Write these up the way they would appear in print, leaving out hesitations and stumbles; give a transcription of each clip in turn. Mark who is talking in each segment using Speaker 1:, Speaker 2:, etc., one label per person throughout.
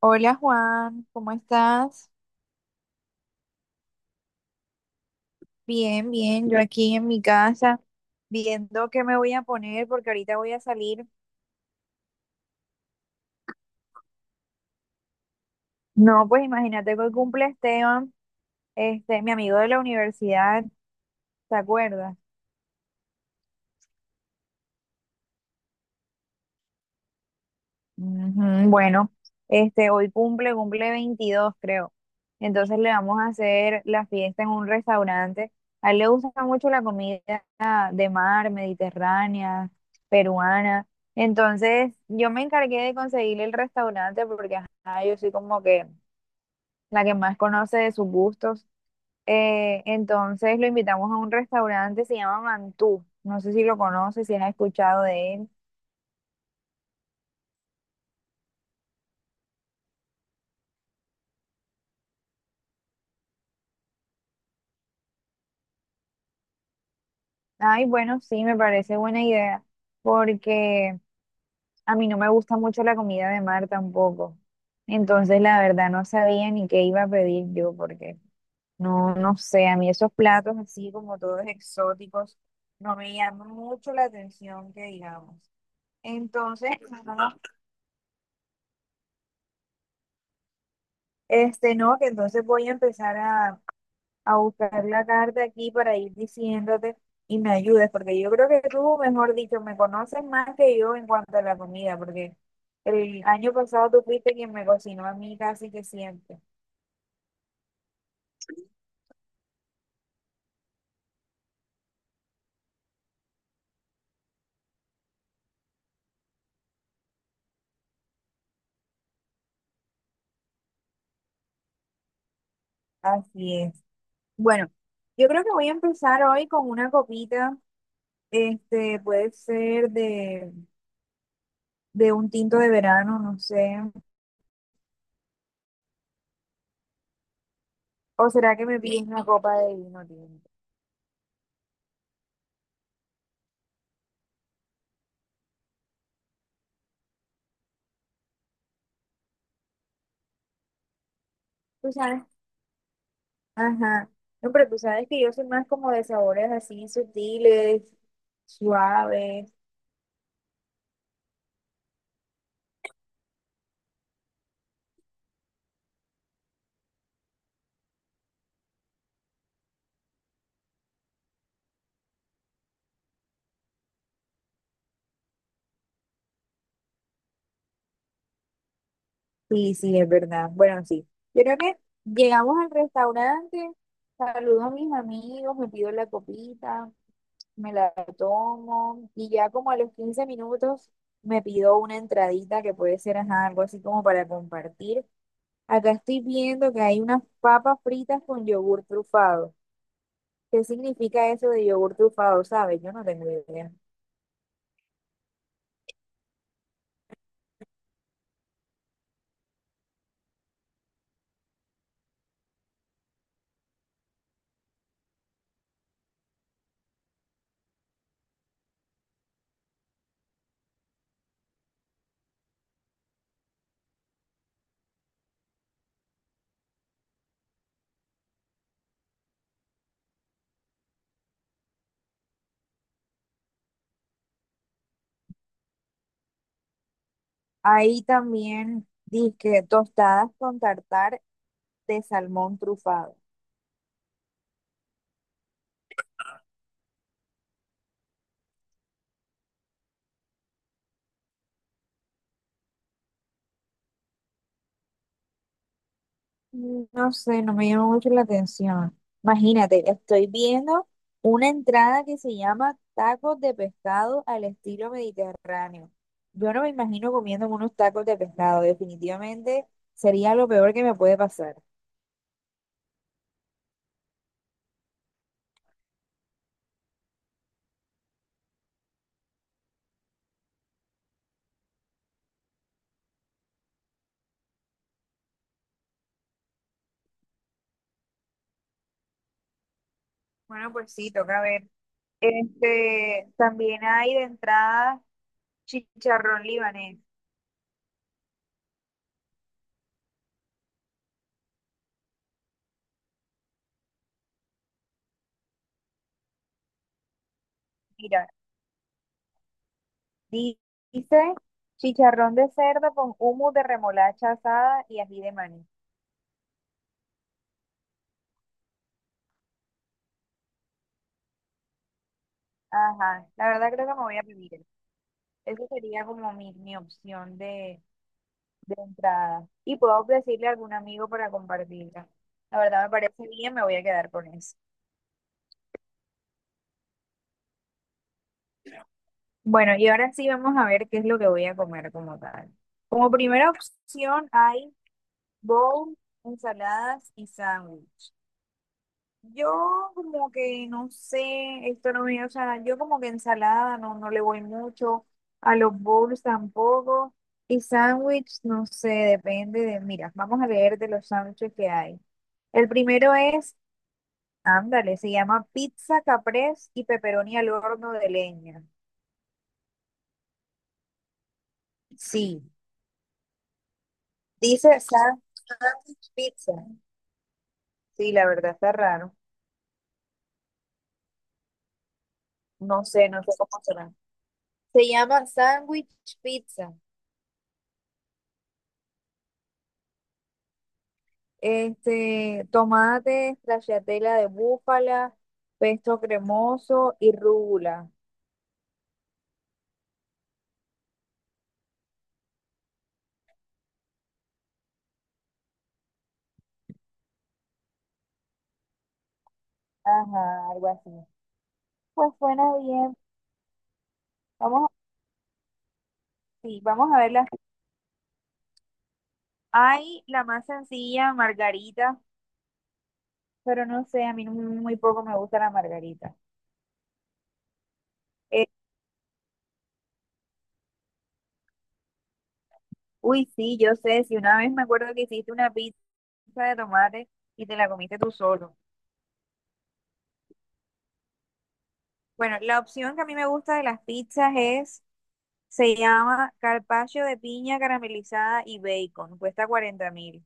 Speaker 1: Hola Juan, ¿cómo estás? Bien, bien, yo aquí en mi casa viendo qué me voy a poner porque ahorita voy a salir. No, pues imagínate que hoy cumple Esteban, este, mi amigo de la universidad, ¿te acuerdas? Ujú. Bueno, este hoy cumple 22 creo. Entonces le vamos a hacer la fiesta en un restaurante. A él le gusta mucho la comida de mar, mediterránea, peruana. Entonces yo me encargué de conseguirle el restaurante porque ajá, yo soy como que la que más conoce de sus gustos. Entonces lo invitamos a un restaurante, se llama Mantú. No sé si lo conoce si has escuchado de él. Ay, bueno, sí, me parece buena idea, porque a mí no me gusta mucho la comida de mar tampoco. Entonces, la verdad, no sabía ni qué iba a pedir yo, porque no, no sé, a mí esos platos así como todos exóticos no me llaman mucho la atención, que digamos. Entonces, no, este, no, que entonces voy a empezar a buscar la carta aquí para ir diciéndote y me ayudes, porque yo creo que tú, mejor dicho, me conoces más que yo en cuanto a la comida, porque el año pasado tú fuiste quien me cocinó a mí casi que siempre. Así es. Bueno, yo creo que voy a empezar hoy con una copita, este, puede ser de un tinto de verano, no sé, o será que me pides una copa de vino tinto. Tú sabes. Ajá. No, pero tú sabes que yo soy más como de sabores así sutiles, suaves. Sí, sí, es verdad. Bueno, sí. Yo creo que llegamos al restaurante, saludo a mis amigos, me pido la copita, me la tomo y ya como a los 15 minutos me pido una entradita que puede ser ajá, algo así como para compartir. Acá estoy viendo que hay unas papas fritas con yogur trufado. ¿Qué significa eso de yogur trufado? ¿Sabes? Yo no tengo idea. Ahí también dije tostadas con tartar de salmón trufado. Mm, no sé, no me llama mucho la atención. Imagínate, estoy viendo una entrada que se llama tacos de pescado al estilo mediterráneo. Yo no me imagino comiendo unos tacos de pescado. Definitivamente sería lo peor que me puede pasar. Bueno, pues sí, toca ver. Este, también hay de entrada chicharrón libanés. Mira. Di- Dice chicharrón de cerdo con humo de remolacha asada y ají de maní. Ajá, la verdad creo que me voy a vivir. Eso sería como mi opción de entrada. Y puedo decirle a algún amigo para compartirla. La verdad me parece bien, me voy a quedar con eso. Bueno, y ahora sí vamos a ver qué es lo que voy a comer como tal. Como primera opción hay bowl, ensaladas y sándwich. Yo como que no sé, esto no me, o sea, yo como que ensalada no, no le voy mucho, a los bowls tampoco, y sándwich, no sé, depende de, mira, vamos a leer de los sándwiches que hay. El primero es, ándale, se llama pizza caprese y pepperoni al horno de leña. Sí, dice sándwich pizza. Sí, la verdad está raro. No sé, no sé cómo será. Se llama sándwich pizza. Este, tomate, stracciatella de búfala, pesto cremoso y rúgula. Ajá, algo así. Pues suena bien. Vamos, sí, vamos a verla. Hay la más sencilla, margarita, pero no sé, a mí no- muy poco me gusta la margarita. Eh, uy, sí, yo sé, si una vez me acuerdo que hiciste una pizza de tomate y te la comiste tú solo. Bueno, la opción que a mí me gusta de las pizzas es. Se llama carpaccio de piña caramelizada y bacon, cuesta 40000.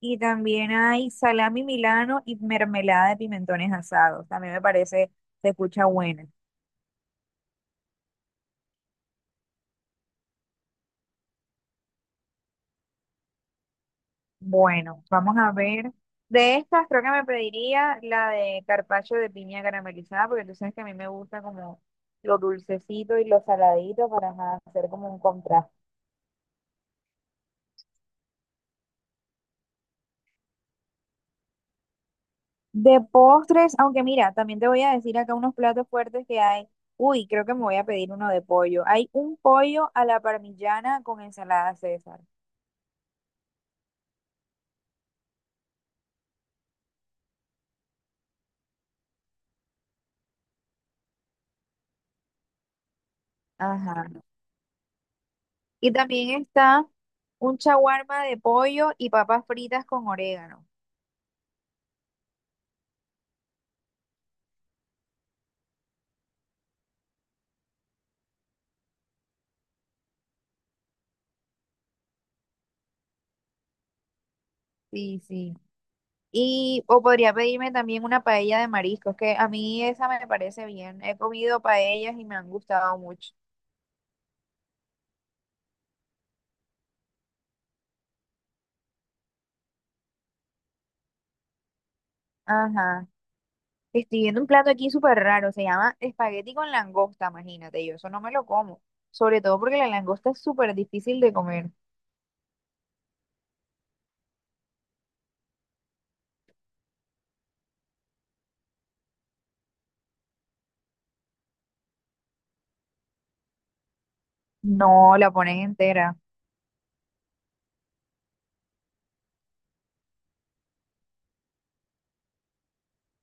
Speaker 1: Y también hay salami milano y mermelada de pimentones asados. También me parece, se escucha buena. Bueno, vamos a ver. De estas creo que me pediría la de carpaccio de piña caramelizada, porque tú sabes que a mí me gusta como lo dulcecito y lo saladito para ajá, hacer como un contraste. De postres, aunque mira, también te voy a decir acá unos platos fuertes que hay. Uy, creo que me voy a pedir uno de pollo. Hay un pollo a la parmigiana con ensalada César. Ajá. Y también está un shawarma de pollo y papas fritas con orégano. Sí, sí. Y o podría pedirme también una paella de mariscos, que a mí esa me parece bien. He comido paellas y me han gustado mucho. Ajá. Estoy viendo un plato aquí súper raro, se llama espagueti con langosta, imagínate, yo eso no me lo como, sobre todo porque la langosta es súper difícil de comer, no la pones entera.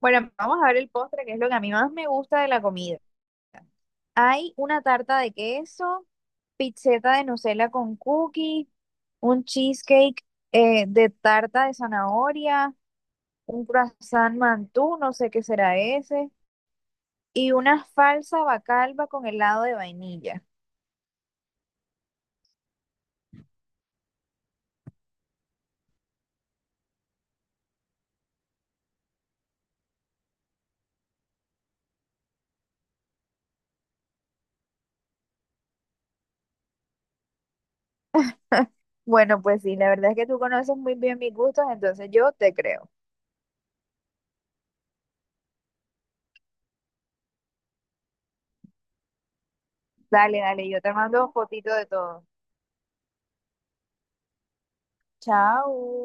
Speaker 1: Bueno, vamos a ver el postre, que es lo que a mí más me gusta de la comida. Hay una tarta de queso, pizzeta de Nutella con cookie, un cheesecake de tarta de zanahoria, un croissant mantú, no sé qué será ese, y una falsa bacalba con helado de vainilla. Bueno, pues sí, la verdad es que tú conoces muy bien mis gustos, entonces yo te creo. Dale, dale, yo te mando fotito de todo. Chao.